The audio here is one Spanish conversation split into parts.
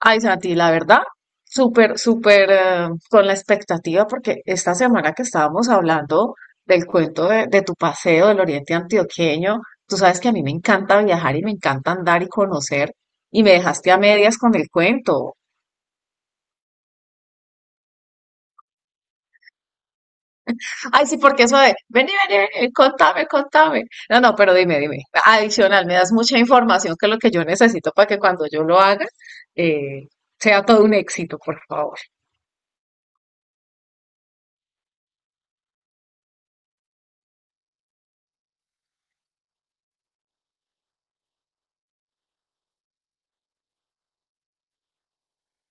Ay, Santi, la verdad, súper, súper con la expectativa, porque esta semana que estábamos hablando del cuento de tu paseo del Oriente Antioqueño, tú sabes que a mí me encanta viajar y me encanta andar y conocer, y me dejaste a medias con el cuento. Ay, sí, porque eso de, vení, vení, vení, contame, contame. No, no, pero dime, dime. Adicional, me das mucha información que es lo que yo necesito para que cuando yo lo haga, eh, sea todo un éxito, por favor.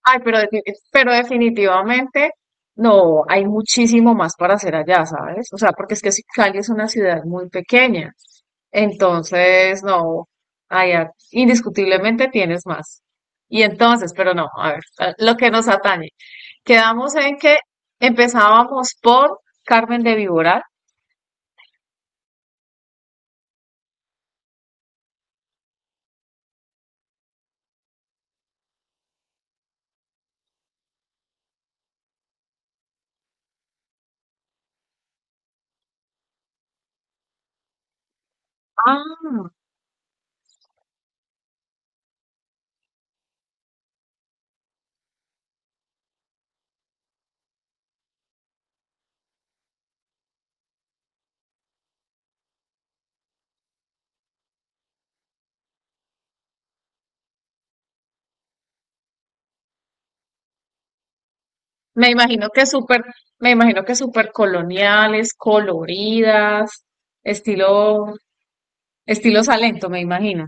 Ay, pero, pero definitivamente no, hay muchísimo más para hacer allá, ¿sabes? O sea, porque es que Cali es una ciudad muy pequeña, entonces no, allá indiscutiblemente tienes más. Y entonces, pero no, a ver, lo que nos atañe. Quedamos en que empezábamos por Carmen de Viboral. Ah, me imagino que súper, me imagino que súper coloniales, coloridas, estilo, estilo Salento, me imagino.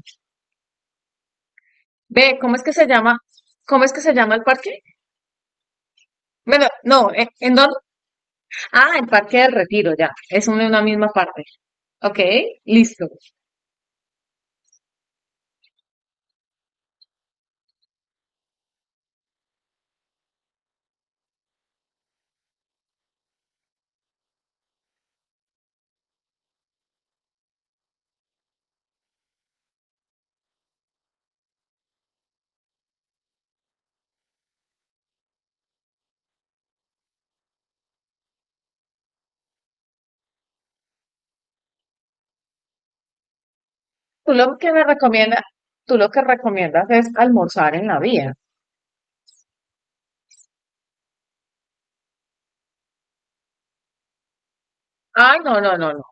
Ve, ¿cómo es que se llama? ¿Cómo es que se llama el parque? Bueno, no, ¿en dónde? Ah, el Parque del Retiro, ya. Es una misma parte. Ok, listo. Tú lo que me recomiendas, tú lo que recomiendas es almorzar en la vía. Ay, no, no, no, no.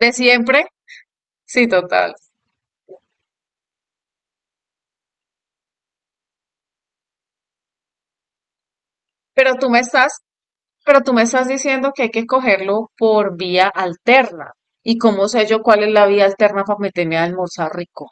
¿De siempre? Sí, total. Pero tú me estás, pero tú me estás diciendo que hay que cogerlo por vía alterna. ¿Y cómo sé yo cuál es la vía alterna para meterme a almorzar rico?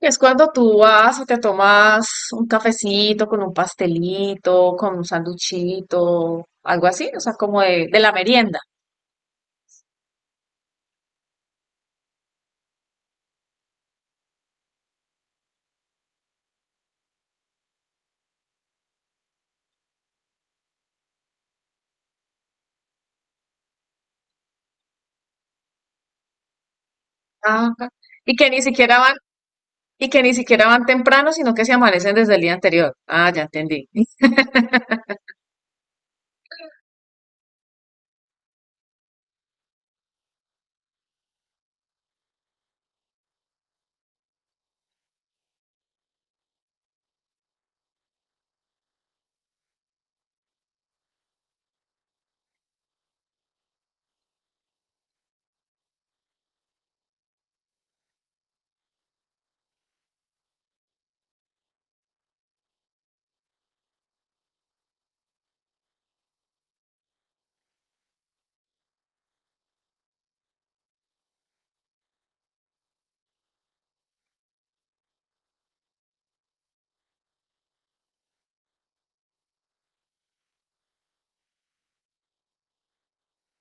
Es cuando tú vas y te tomas un cafecito con un pastelito, con un sanduchito, algo así, o sea, como de la merienda. Ajá. Y que ni siquiera van, y que ni siquiera van temprano, sino que se amanecen desde el día anterior. Ah, ya entendí.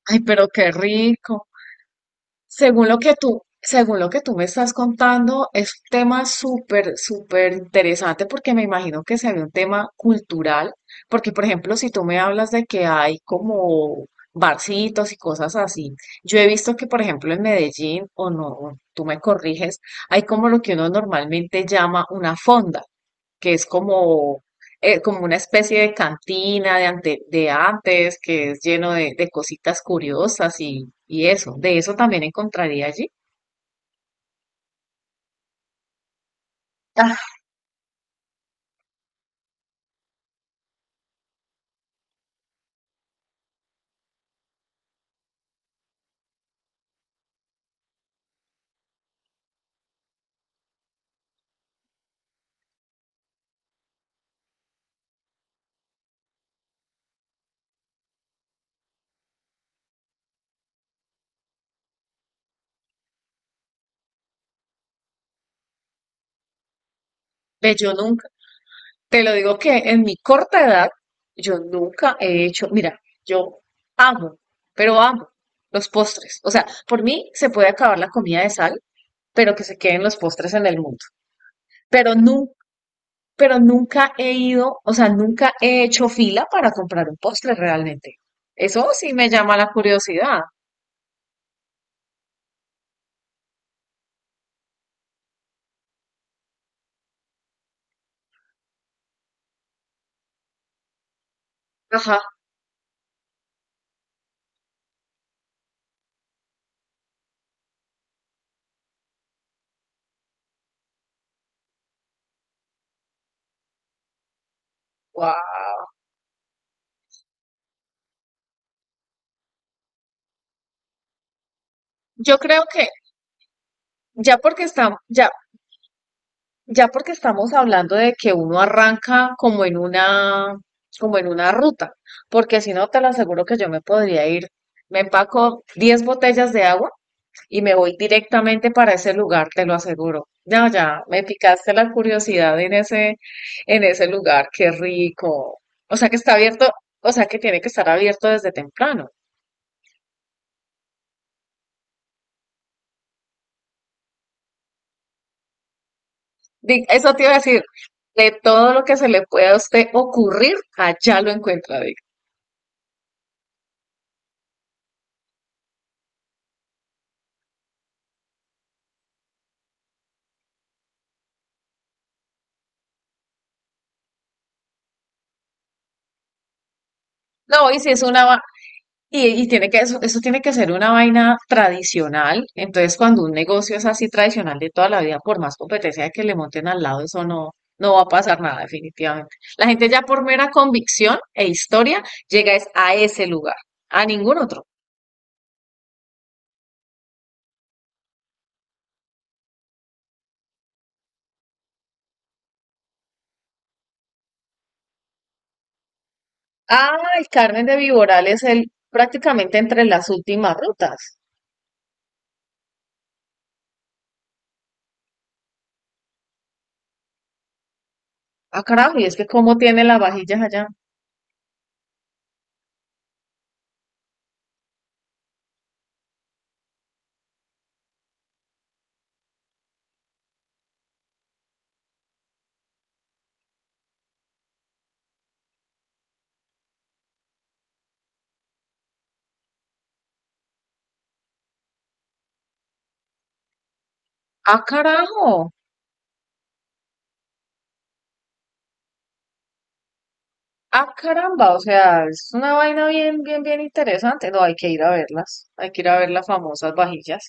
Ay, pero qué rico. Según lo que tú, según lo que tú me estás contando, es un tema súper, súper interesante porque me imagino que sería un tema cultural, porque por ejemplo, si tú me hablas de que hay como barcitos y cosas así, yo he visto que por ejemplo en Medellín, o no, tú me corriges, hay como lo que uno normalmente llama una fonda que es como, como una especie de cantina de, de antes, que es lleno de cositas curiosas y eso. De eso también encontraría allí. Ah, ve, yo nunca, te lo digo que en mi corta edad, yo nunca he hecho, mira, yo amo, pero amo los postres. O sea, por mí se puede acabar la comida de sal, pero que se queden los postres en el mundo. Pero nunca pero nunca he ido, o sea, nunca he hecho fila para comprar un postre realmente. Eso sí me llama la curiosidad. Ajá, wow. Yo creo que ya porque estamos, ya, ya porque estamos hablando de que uno arranca como en una ruta, porque si no te lo aseguro que yo me podría ir. Me empaco 10 botellas de agua y me voy directamente para ese lugar, te lo aseguro. Ya, ya, me picaste la curiosidad en ese lugar, qué rico. O sea que está abierto, o sea que tiene que estar abierto desde temprano. Eso te iba a decir, de todo lo que se le pueda a usted ocurrir, allá lo encuentra, digo. No, y si es una, y tiene que, eso tiene que ser una vaina tradicional. Entonces, cuando un negocio es así tradicional de toda la vida, por más competencia que le monten al lado, eso no, no va a pasar nada, definitivamente. La gente ya por mera convicción e historia llega es a ese lugar, a ningún otro. Ah, el Carmen de Viboral es el prácticamente entre las últimas rutas. Ah, carajo, y es que cómo tiene las vajillas allá. Ah, carajo. Ah, caramba, o sea, es una vaina bien, bien, bien interesante. No, hay que ir a verlas. Hay que ir a ver las famosas vajillas.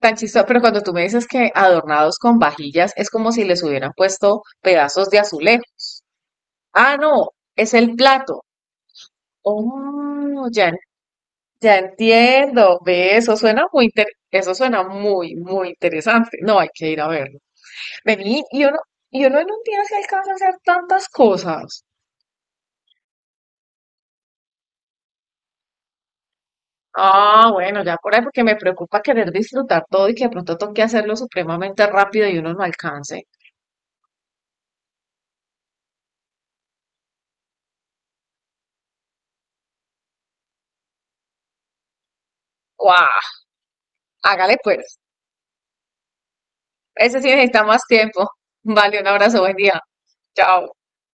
Tan chistoso, pero cuando tú me dices que adornados con vajillas, es como si les hubieran puesto pedazos de azulejo. Ah, no, es el plato. Oh, ya, ya entiendo. Ve, eso suena muy eso suena muy, muy interesante. No, hay que ir a verlo. Vení, y uno en un día se alcanza a hacer tantas cosas. Ah, bueno, ya por ahí porque me preocupa querer disfrutar todo y que de pronto toque hacerlo supremamente rápido y uno no alcance. ¡Guau! Hágale pues. Ese sí necesita más tiempo. Vale, un abrazo, buen día. Chao.